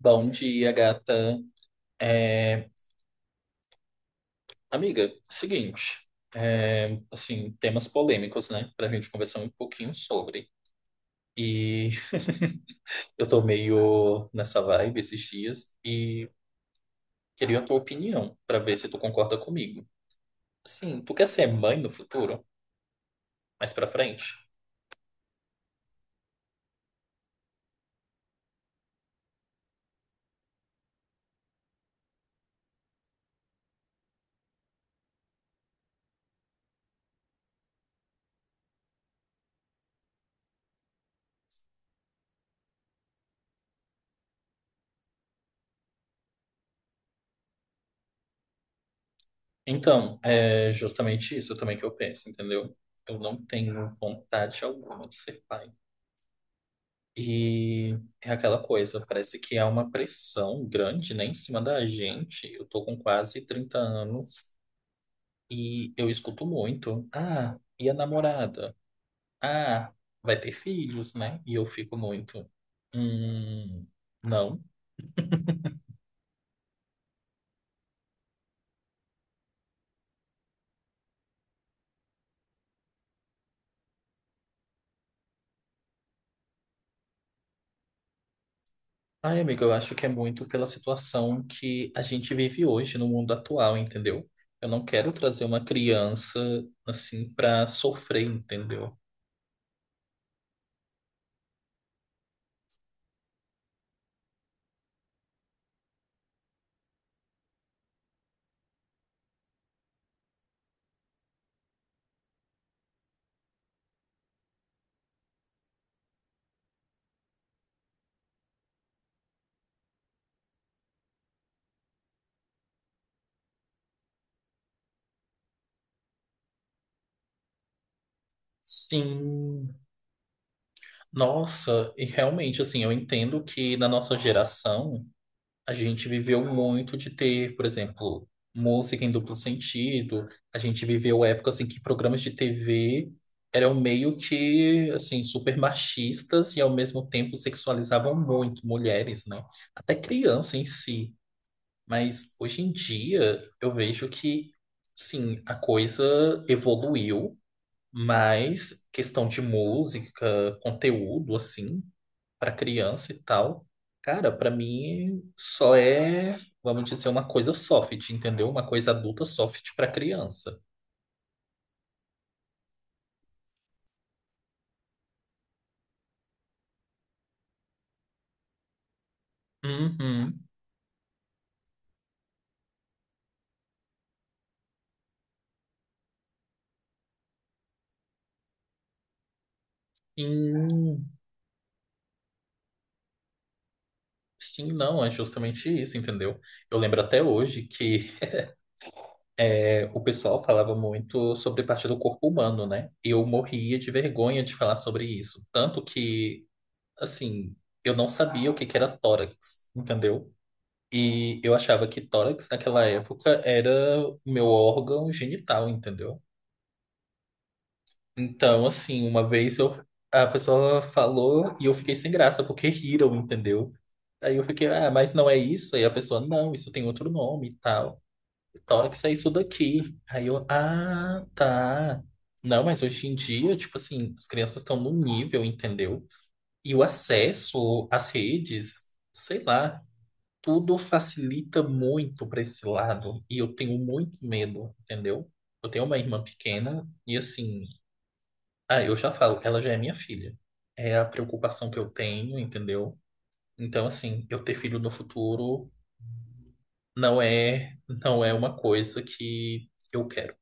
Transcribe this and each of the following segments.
Bom dia, gata. É, amiga, seguinte, assim, temas polêmicos, né, pra gente conversar um pouquinho sobre. E eu tô meio nessa vibe esses dias e queria a tua opinião pra ver se tu concorda comigo. Assim, tu quer ser mãe no futuro? Mais pra frente? Então, é justamente isso também que eu penso, entendeu? Eu não tenho vontade alguma de ser pai. E é aquela coisa, parece que há uma pressão grande, né, em cima da gente. Eu tô com quase 30 anos e eu escuto muito. Ah, e a namorada? Ah, vai ter filhos, né? E eu fico muito. Hum, não. Ai, amigo, eu acho que é muito pela situação que a gente vive hoje no mundo atual, entendeu? Eu não quero trazer uma criança assim pra sofrer, entendeu? Sim. Nossa, e realmente, assim, eu entendo que na nossa geração a gente viveu muito de ter, por exemplo, música em duplo sentido. A gente viveu épocas em que programas de TV eram meio que, assim, super machistas e ao mesmo tempo sexualizavam muito mulheres, né? Até criança em si. Mas hoje em dia eu vejo que, sim, a coisa evoluiu. Mas questão de música, conteúdo, assim, para criança e tal, cara, para mim só é, vamos dizer, uma coisa soft, entendeu? Uma coisa adulta soft para criança. Uhum. E, sim, não, é justamente isso, entendeu? Eu lembro até hoje que o pessoal falava muito sobre parte do corpo humano, né? Eu morria de vergonha de falar sobre isso, tanto que, assim, eu não sabia o que que era tórax, entendeu? E eu achava que tórax naquela época era o meu órgão genital, entendeu? Então, assim, a pessoa falou e eu fiquei sem graça porque riram, entendeu? Aí eu fiquei, ah, mas não é isso? Aí a pessoa, não, isso tem outro nome e tal. Tórax é isso daqui. Aí eu, ah, tá. Não, mas hoje em dia, tipo assim, as crianças estão no nível, entendeu? E o acesso às redes, sei lá. Tudo facilita muito para esse lado e eu tenho muito medo, entendeu? Eu tenho uma irmã pequena e assim, ah, eu já falo, ela já é minha filha. É a preocupação que eu tenho, entendeu? Então assim, eu ter filho no futuro não é uma coisa que eu quero.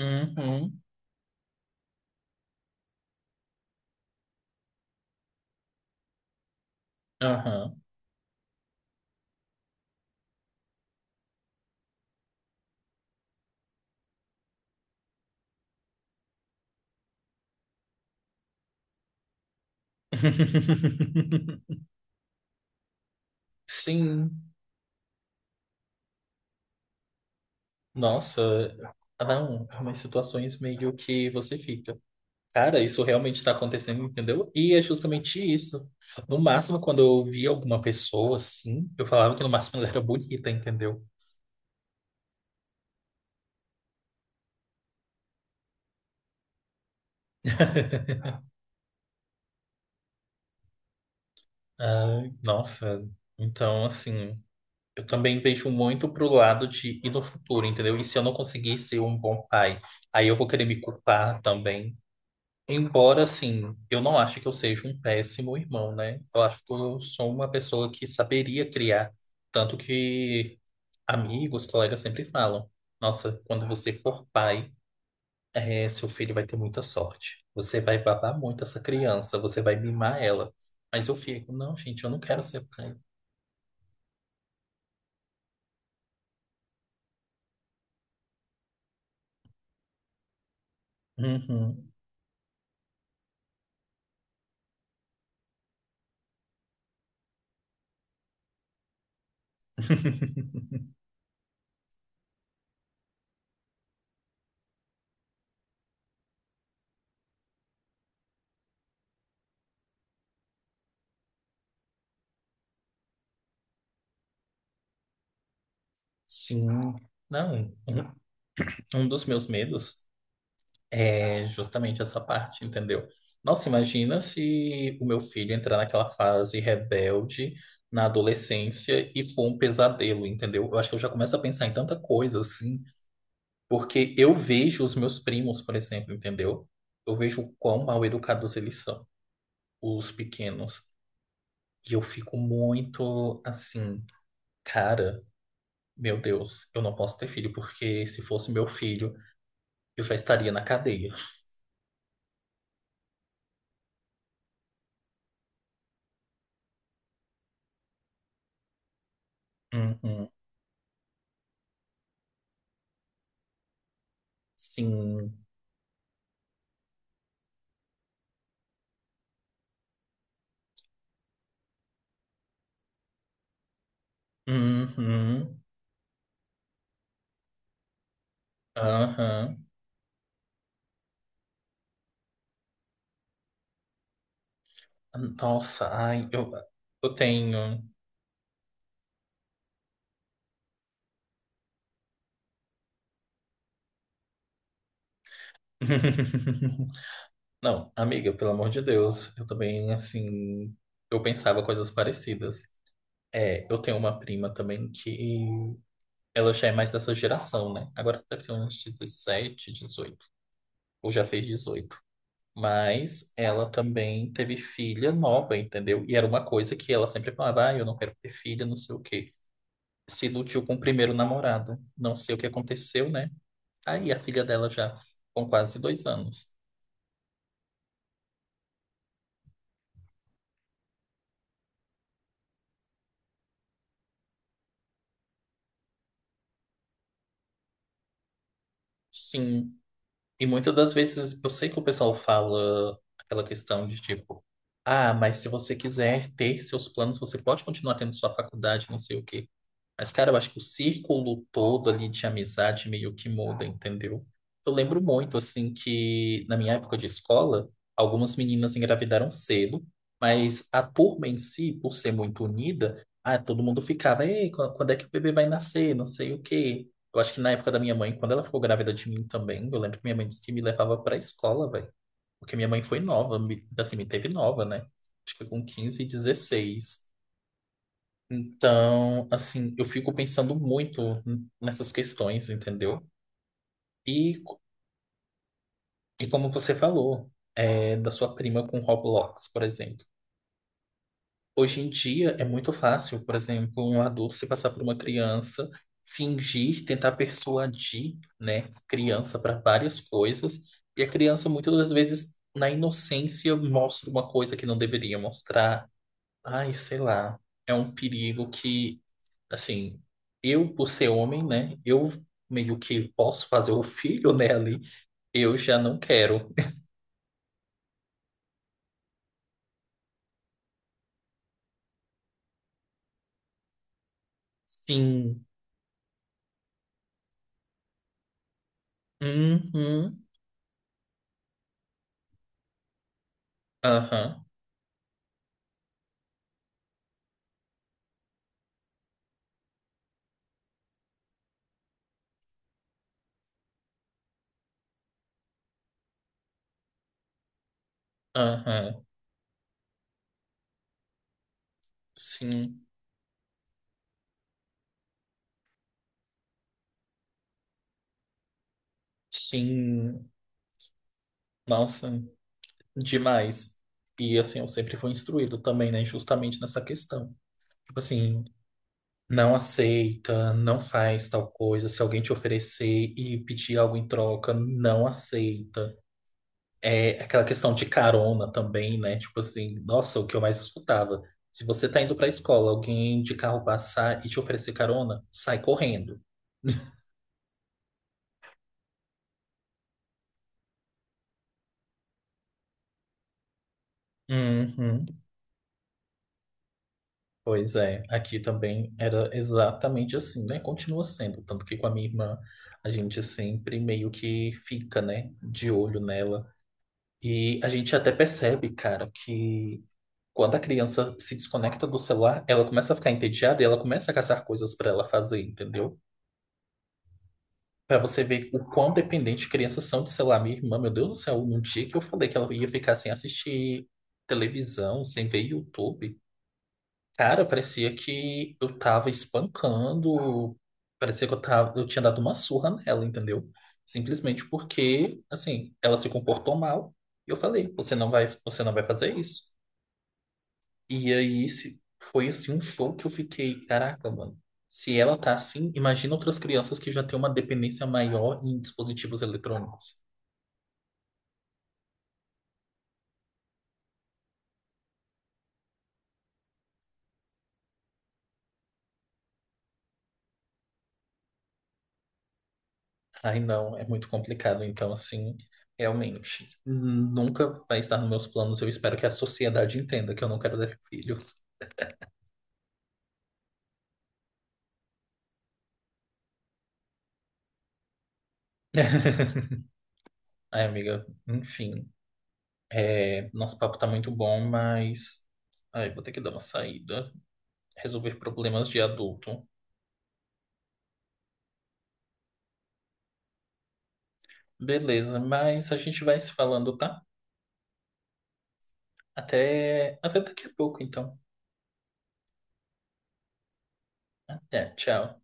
Uhum. Aham. Sim. Nossa, não, é umas situações meio que você fica. Cara, isso realmente está acontecendo, entendeu? E é justamente isso. No máximo, quando eu via alguma pessoa assim, eu falava que no máximo ela era bonita, entendeu? Ai, nossa, então assim, eu também vejo muito pro lado de ir no futuro, entendeu? E se eu não conseguir ser um bom pai, aí eu vou querer me culpar também. Embora, assim, eu não acho que eu seja um péssimo irmão, né? Eu acho que eu sou uma pessoa que saberia criar. Tanto que amigos, colegas sempre falam: Nossa, quando você for pai, seu filho vai ter muita sorte. Você vai babar muito essa criança, você vai mimar ela. Mas eu fico: Não, gente, eu não quero ser pai. Uhum. Sim, não. Um dos meus medos é justamente essa parte, entendeu? Nossa, imagina se o meu filho entrar naquela fase rebelde na adolescência e for um pesadelo, entendeu? Eu acho que eu já começo a pensar em tanta coisa assim. Porque eu vejo os meus primos, por exemplo, entendeu? Eu vejo o quão mal educados eles são, os pequenos. E eu fico muito assim, cara, meu Deus, eu não posso ter filho, porque se fosse meu filho, eu já estaria na cadeia. Uhum, sim. Uhum, aham. Nossa, eu tenho. Não, amiga, pelo amor de Deus, eu também, assim, eu pensava coisas parecidas. É, eu tenho uma prima também que ela já é mais dessa geração, né? Agora deve ter uns 17, 18. Ou já fez 18. Mas ela também teve filha nova, entendeu? E era uma coisa que ela sempre falava, ah, eu não quero ter filha, não sei o quê. Se iludiu com o primeiro namorado. Não sei o que aconteceu, né? Aí a filha dela já com quase 2 anos. Sim. E muitas das vezes eu sei que o pessoal fala aquela questão de tipo, ah, mas se você quiser ter seus planos, você pode continuar tendo sua faculdade, não sei o quê. Mas, cara, eu acho que o círculo todo ali de amizade meio que muda, entendeu? Eu lembro muito, assim, que na minha época de escola, algumas meninas engravidaram cedo, mas a turma em si, por ser muito unida, ah, todo mundo ficava, ei, quando é que o bebê vai nascer? Não sei o quê. Eu acho que na época da minha mãe, quando ela ficou grávida de mim também, eu lembro que minha mãe disse que me levava pra escola, velho. Porque minha mãe foi nova, me, assim, me teve nova, né? Acho que foi com 15 e 16. Então, assim, eu fico pensando muito nessas questões, entendeu? E, e como você falou, é, da sua prima com Roblox, por exemplo. Hoje em dia é muito fácil, por exemplo, um adulto se passar por uma criança, fingir, tentar persuadir, né, a criança para várias coisas, e a criança muitas das vezes, na inocência, mostra uma coisa que não deveria mostrar. Ai, sei lá. É um perigo assim, eu por ser homem, né, eu meio que posso fazer o filho, né, ali, eu já não quero. Sim. Uhum. Aham. Aham. Sim. Sim. Nossa, demais. E assim, eu sempre fui instruído também, né, justamente nessa questão. Tipo assim, não aceita, não faz tal coisa. Se alguém te oferecer e pedir algo em troca, não aceita. É aquela questão de carona também, né? Tipo assim, nossa, o que eu mais escutava. Se você tá indo pra escola, alguém de carro passar e te oferecer carona, sai correndo. Uhum. Pois é, aqui também era exatamente assim, né? Continua sendo, tanto que com a minha irmã a gente sempre meio que fica, né, de olho nela. E a gente até percebe, cara, que quando a criança se desconecta do celular, ela começa a ficar entediada e ela começa a caçar coisas pra ela fazer, entendeu? Pra você ver o quão dependente crianças são de celular. Minha irmã, meu Deus do céu, num dia que eu falei que ela ia ficar sem assistir televisão, sem ver YouTube, cara, parecia que eu tava espancando, parecia que eu tinha dado uma surra nela, entendeu? Simplesmente porque, assim, ela se comportou mal. E eu falei, você não vai fazer isso. E aí, esse foi assim um show que eu fiquei, caraca, mano. Se ela tá assim, imagina outras crianças que já têm uma dependência maior em dispositivos eletrônicos. Ai, não, é muito complicado. Então, assim, realmente, nunca vai estar nos meus planos. Eu espero que a sociedade entenda que eu não quero ter filhos. Ai, amiga, enfim. É, nosso papo tá muito bom, mas. Ai, vou ter que dar uma saída. Resolver problemas de adulto. Beleza, mas a gente vai se falando, tá? Até daqui a pouco, então. Até, tchau.